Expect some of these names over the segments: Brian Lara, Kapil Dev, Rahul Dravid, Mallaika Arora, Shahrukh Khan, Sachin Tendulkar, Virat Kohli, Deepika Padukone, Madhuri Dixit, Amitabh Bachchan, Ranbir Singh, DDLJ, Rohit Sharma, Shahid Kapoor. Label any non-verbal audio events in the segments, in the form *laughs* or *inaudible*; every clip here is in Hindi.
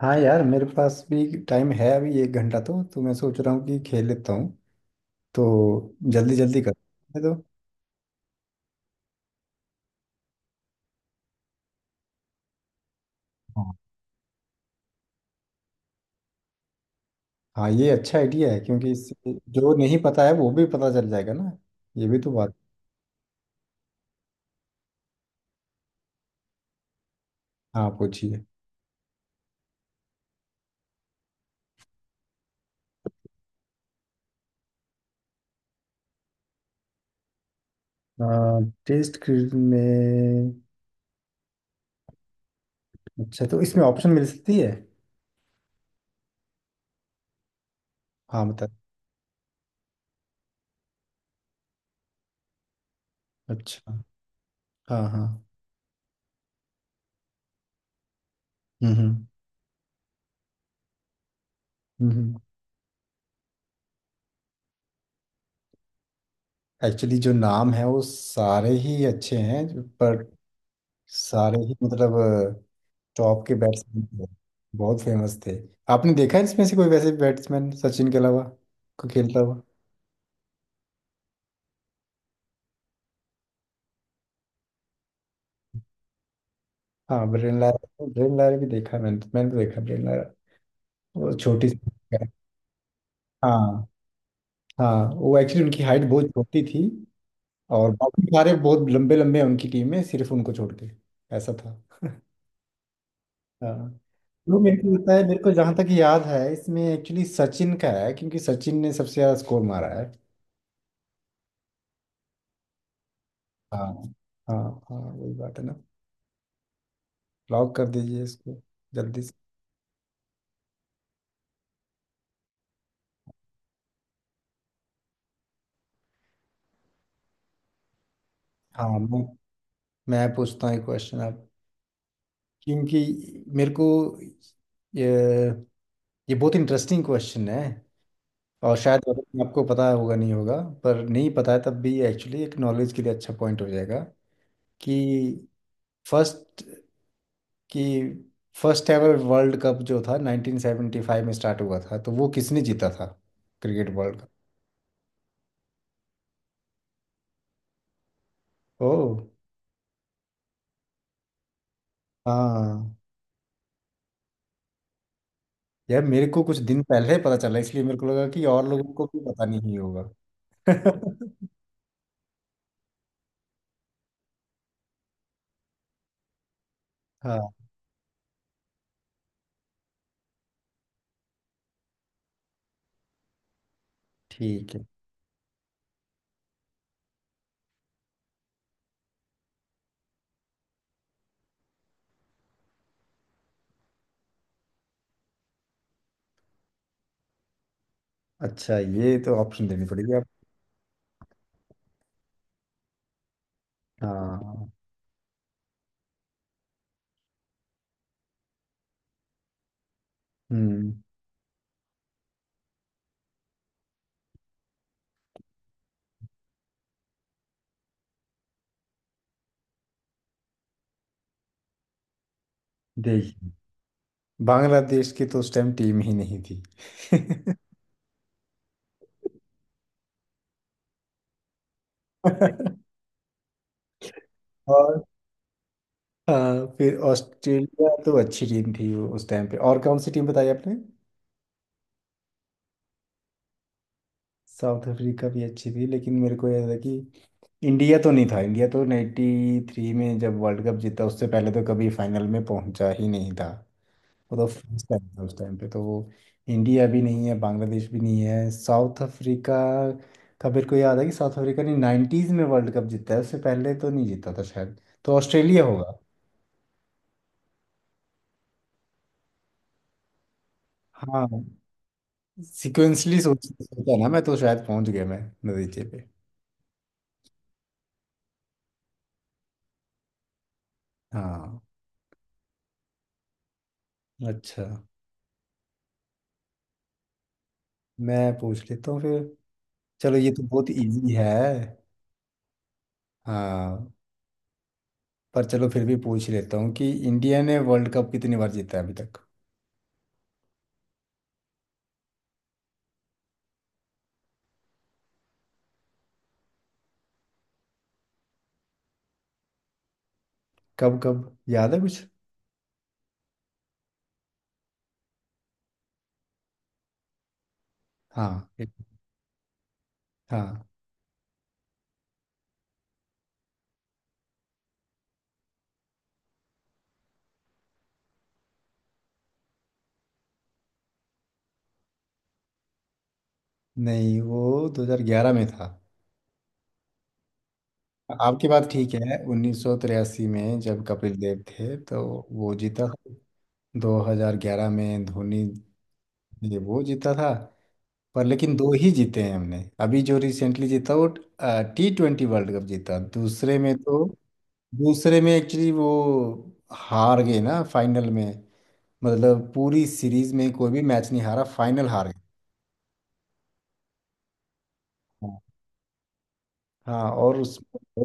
हाँ यार, मेरे पास भी टाइम है अभी। एक घंटा, तो मैं सोच रहा हूँ कि खेल लेता हूँ। तो जल्दी जल्दी कर। मैं तो... हाँ हाँ, ये अच्छा आइडिया है क्योंकि इससे जो नहीं पता है वो भी पता चल जाएगा ना। ये भी तो बात। हाँ, पूछिए। टेस्ट क्रिकेट में। अच्छा, तो इसमें ऑप्शन मिल सकती है? हाँ, बता। अच्छा। हाँ हाँ। हम्म हम्म हम्म। एक्चुअली जो नाम है वो सारे ही अच्छे हैं, पर सारे ही मतलब। तो आपके बैट्समैन थे, बहुत फेमस थे। आपने देखा है इसमें से कोई वैसे बैट्समैन, सचिन के अलावा, को खेलता हुआ? हाँ, ब्रेन लारा, ब्रेन लारा भी देखा है, मैंने मैंने तो देखा ब्रेन लारा। वो छोटी सी। हाँ हाँ, वो एक्चुअली उनकी हाइट बहुत छोटी थी। और बाकी सारे बहुत लंबे लंबे हैं उनकी टीम में, सिर्फ उनको छोड़ के। ऐसा था। हाँ। वो मेरे को लगता है, मेरे को जहाँ तक याद है इसमें एक्चुअली सचिन का है, क्योंकि सचिन ने सबसे ज़्यादा स्कोर मारा है। हाँ। हाँ। हाँ, वही बात है ना। लॉक कर दीजिए इसको, जल्दी से। हाँ। मैं पूछता हूँ एक क्वेश्चन आप। क्योंकि मेरे को... ये ये बहुत इंटरेस्टिंग क्वेश्चन है। और शायद, मतलब, आपको पता होगा नहीं होगा, पर नहीं पता है तब भी एक्चुअली एक नॉलेज के लिए अच्छा पॉइंट हो जाएगा। कि फर्स्ट कि फर्स्ट एवर वर्ल्ड कप जो था 1975 में स्टार्ट हुआ था, तो वो किसने जीता था क्रिकेट वर्ल्ड कप? ओह। हाँ यार, मेरे को कुछ दिन पहले पता चला इसलिए मेरे को लगा कि और लोगों को भी पता नहीं होगा। *laughs* हाँ। ठीक है। अच्छा, ये तो ऑप्शन देनी पड़ेगी आप। हाँ। हम्म। देखिए, बांग्लादेश की तो उस टाइम टीम ही नहीं थी। *laughs* और हाँ, फिर ऑस्ट्रेलिया तो अच्छी टीम थी वो उस टाइम पे। और कौन सी टीम बताई आपने? साउथ अफ्रीका भी अच्छी थी, लेकिन मेरे को याद है कि इंडिया तो नहीं था। इंडिया तो 93 में जब वर्ल्ड कप जीता उससे पहले तो कभी फाइनल में पहुंचा ही नहीं था। वो तो फ्रेंच टाइम था उस टाइम पे। तो वो, इंडिया भी नहीं है, बांग्लादेश भी नहीं है, साउथ अफ्रीका का मेरे को याद है कि साउथ अफ्रीका ने नाइन्टीज में वर्ल्ड कप जीता है, उससे पहले तो नहीं जीता था शायद। तो ऑस्ट्रेलिया होगा। हाँ, सिक्वेंसली सोच सोचा ना, मैं तो शायद पहुंच गया मैं नतीजे पे। हाँ। अच्छा, मैं पूछ लेता हूँ फिर। चलो, ये तो बहुत इजी है। हाँ, पर चलो फिर भी पूछ लेता हूँ कि इंडिया ने वर्ल्ड कप कितनी बार जीता है अभी तक? कब कब याद है कुछ? हाँ। हाँ। नहीं, वो 2011 में था। आपकी बात ठीक है, 1983 में जब कपिल देव थे तो वो जीता था। 2011 में धोनी, ये वो जीता था। पर लेकिन दो ही जीते हैं हमने। अभी जो रिसेंटली जीता वो T20 वर्ल्ड कप जीता दूसरे में तो। दूसरे में एक्चुअली वो हार गए ना फाइनल में। मतलब पूरी सीरीज में कोई भी मैच नहीं हारा, फाइनल हार गए। हाँ। हाँ, और उसमें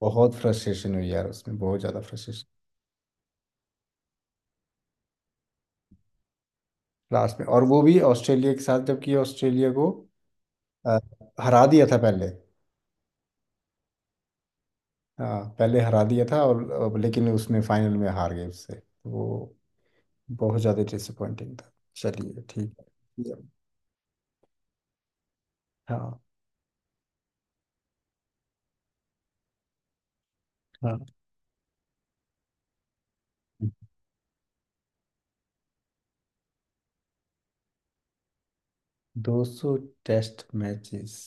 बहुत फ्रस्ट्रेशन हुई यार उसमें, बहुत ज़्यादा फ्रस्ट्रेशन। लास्ट में, और वो भी ऑस्ट्रेलिया के साथ, जबकि ऑस्ट्रेलिया को अ, हरा दिया था पहले। हाँ, पहले हरा दिया था, और अब लेकिन उसमें फाइनल में हार गए उससे, तो वो बहुत ज़्यादा डिसअपॉइंटिंग था। चलिए ठीक है। Yeah. हाँ। हाँ। 200 टेस्ट मैचेस।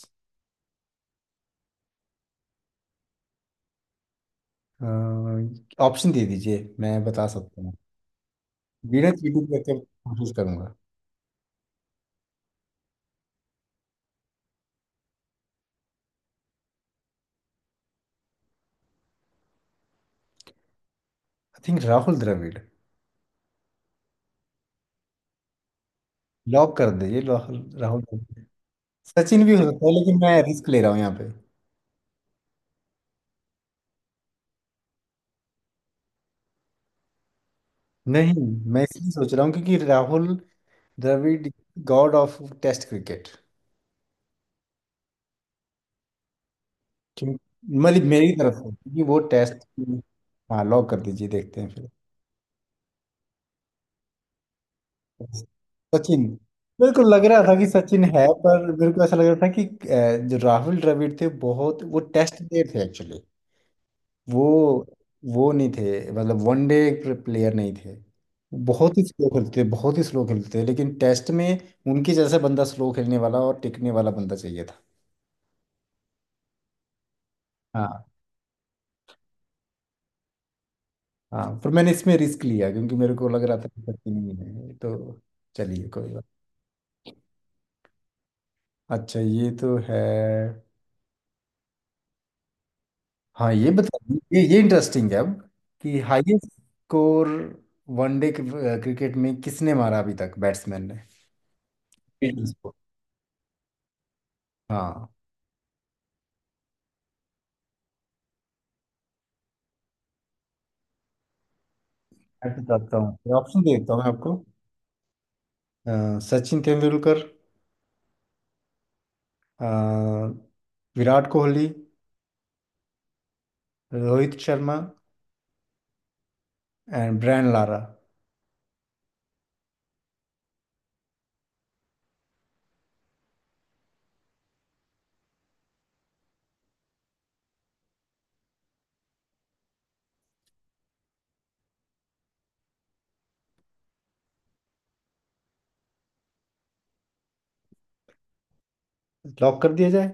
ऑप्शन दे दीजिए, मैं बता सकता हूँ। बिना चीटिंग करके कोशिश करूंगा। I think Rahul Dravid. Lock कर दीजिए, राहुल राहुल द्रविड़। सचिन भी हो सकता है लेकिन मैं रिस्क ले रहा हूँ यहाँ पे। नहीं। मैं इसलिए सोच रहा हूँ क्योंकि Rahul Dravid god of test cricket. क्योंकि मतलब मेरी तरफ से, क्योंकि वो टेस्ट। हाँ लॉक कर दीजिए, देखते हैं फिर। सचिन। मेरे को लग रहा था कि सचिन है, पर मेरे को ऐसा लग रहा था कि जो राहुल द्रविड़ थे, बहुत वो टेस्ट प्लेयर थे एक्चुअली। वो वो नहीं थे मतलब वनडे प्लेयर नहीं थे। वो बहुत ही स्लो खेलते थे, बहुत ही स्लो खेलते थे, लेकिन टेस्ट में उनके जैसा बंदा, स्लो खेलने वाला और टिकने वाला बंदा चाहिए था। हाँ, हाँ, पर मैंने इसमें रिस्क लिया क्योंकि मेरे को लग रहा था कि पति नहीं है तो। चलिए, कोई बात। अच्छा, ये तो है। हाँ, ये बता। ये इंटरेस्टिंग है अब, कि हाईएस्ट स्कोर वनडे क्रिकेट में किसने मारा अभी तक, बैट्समैन ने। Field score. हाँ, मैं बताता हूँ, ऑप्शन देता हूँ मैं आपको। Sachin Tendulkar. Uh, Virat Kohli. Rohit Sharma. And Brian Lara. Lock कर दिया जाए?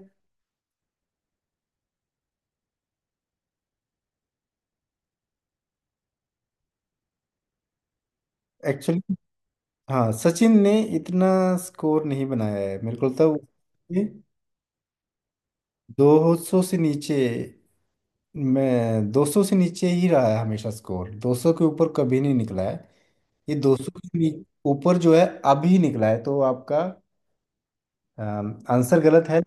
एक्चुअली, हाँ, सचिन ने इतना स्कोर नहीं बनाया है मेरे को तो। 200 से नीचे, मैं 200 से नीचे ही रहा है हमेशा स्कोर, 200 के ऊपर कभी नहीं निकला है। ये दो सौ के नी- ऊपर जो है अभी निकला है, तो आपका आंसर गलत है।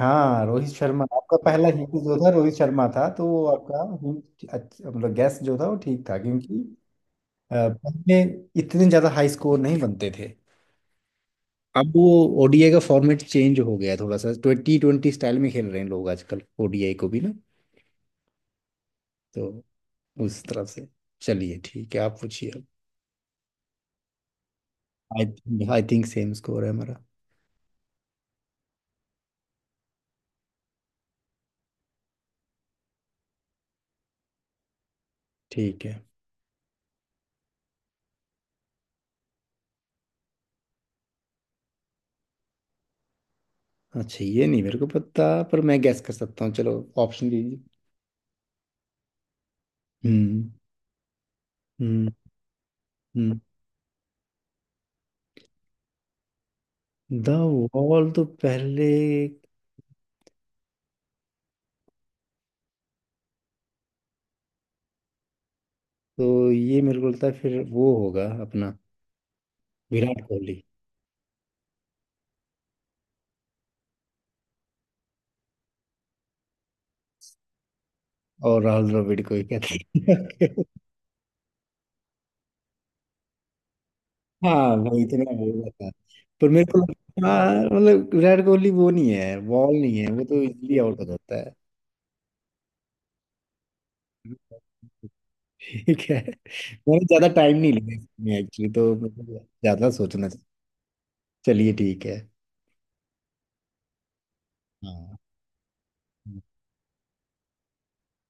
हाँ, रोहित शर्मा। आपका पहला हिंट जो था रोहित शर्मा था, तो वो आपका हिंट अच्छा, मतलब गैस जो था वो ठीक था, क्योंकि अ, पहले इतने ज्यादा हाई स्कोर नहीं बनते थे। अब वो ओडीआई का फॉर्मेट चेंज हो गया थोड़ा सा, T20 स्टाइल में खेल रहे हैं लोग आजकल ओडीआई को भी ना। तो उस तरफ से, चलिए ठीक है, आप पूछिए। आई थिंक सेम स्कोर है हमारा। ठीक है। अच्छा, ये नहीं मेरे को पता, पर मैं गैस कर सकता हूँ, चलो, ऑप्शन दीजिए। हम्म। हम्म। हम्म। द वॉल तो पहले, तो ये मेरे को लगता है फिर वो होगा अपना, विराट कोहली। और राहुल द्रविड़ को ही कहते हैं। हाँ भाई, इतना हो गया था। पर मेरे को लगा हाँ, मतलब विराट कोहली वो नहीं है, बॉल नहीं है, वो तो इजीली आउट हो जाता है। ठीक है। मैंने ज्यादा टाइम नहीं लिया इसमें एक्चुअली, तो मतलब ज्यादा सोचना चाहिए। चलिए ठीक है। हाँ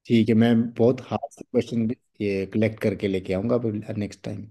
ठीक है, मैं बहुत हार्ड से क्वेश्चन ये कलेक्ट करके लेके आऊंगा नेक्स्ट टाइम।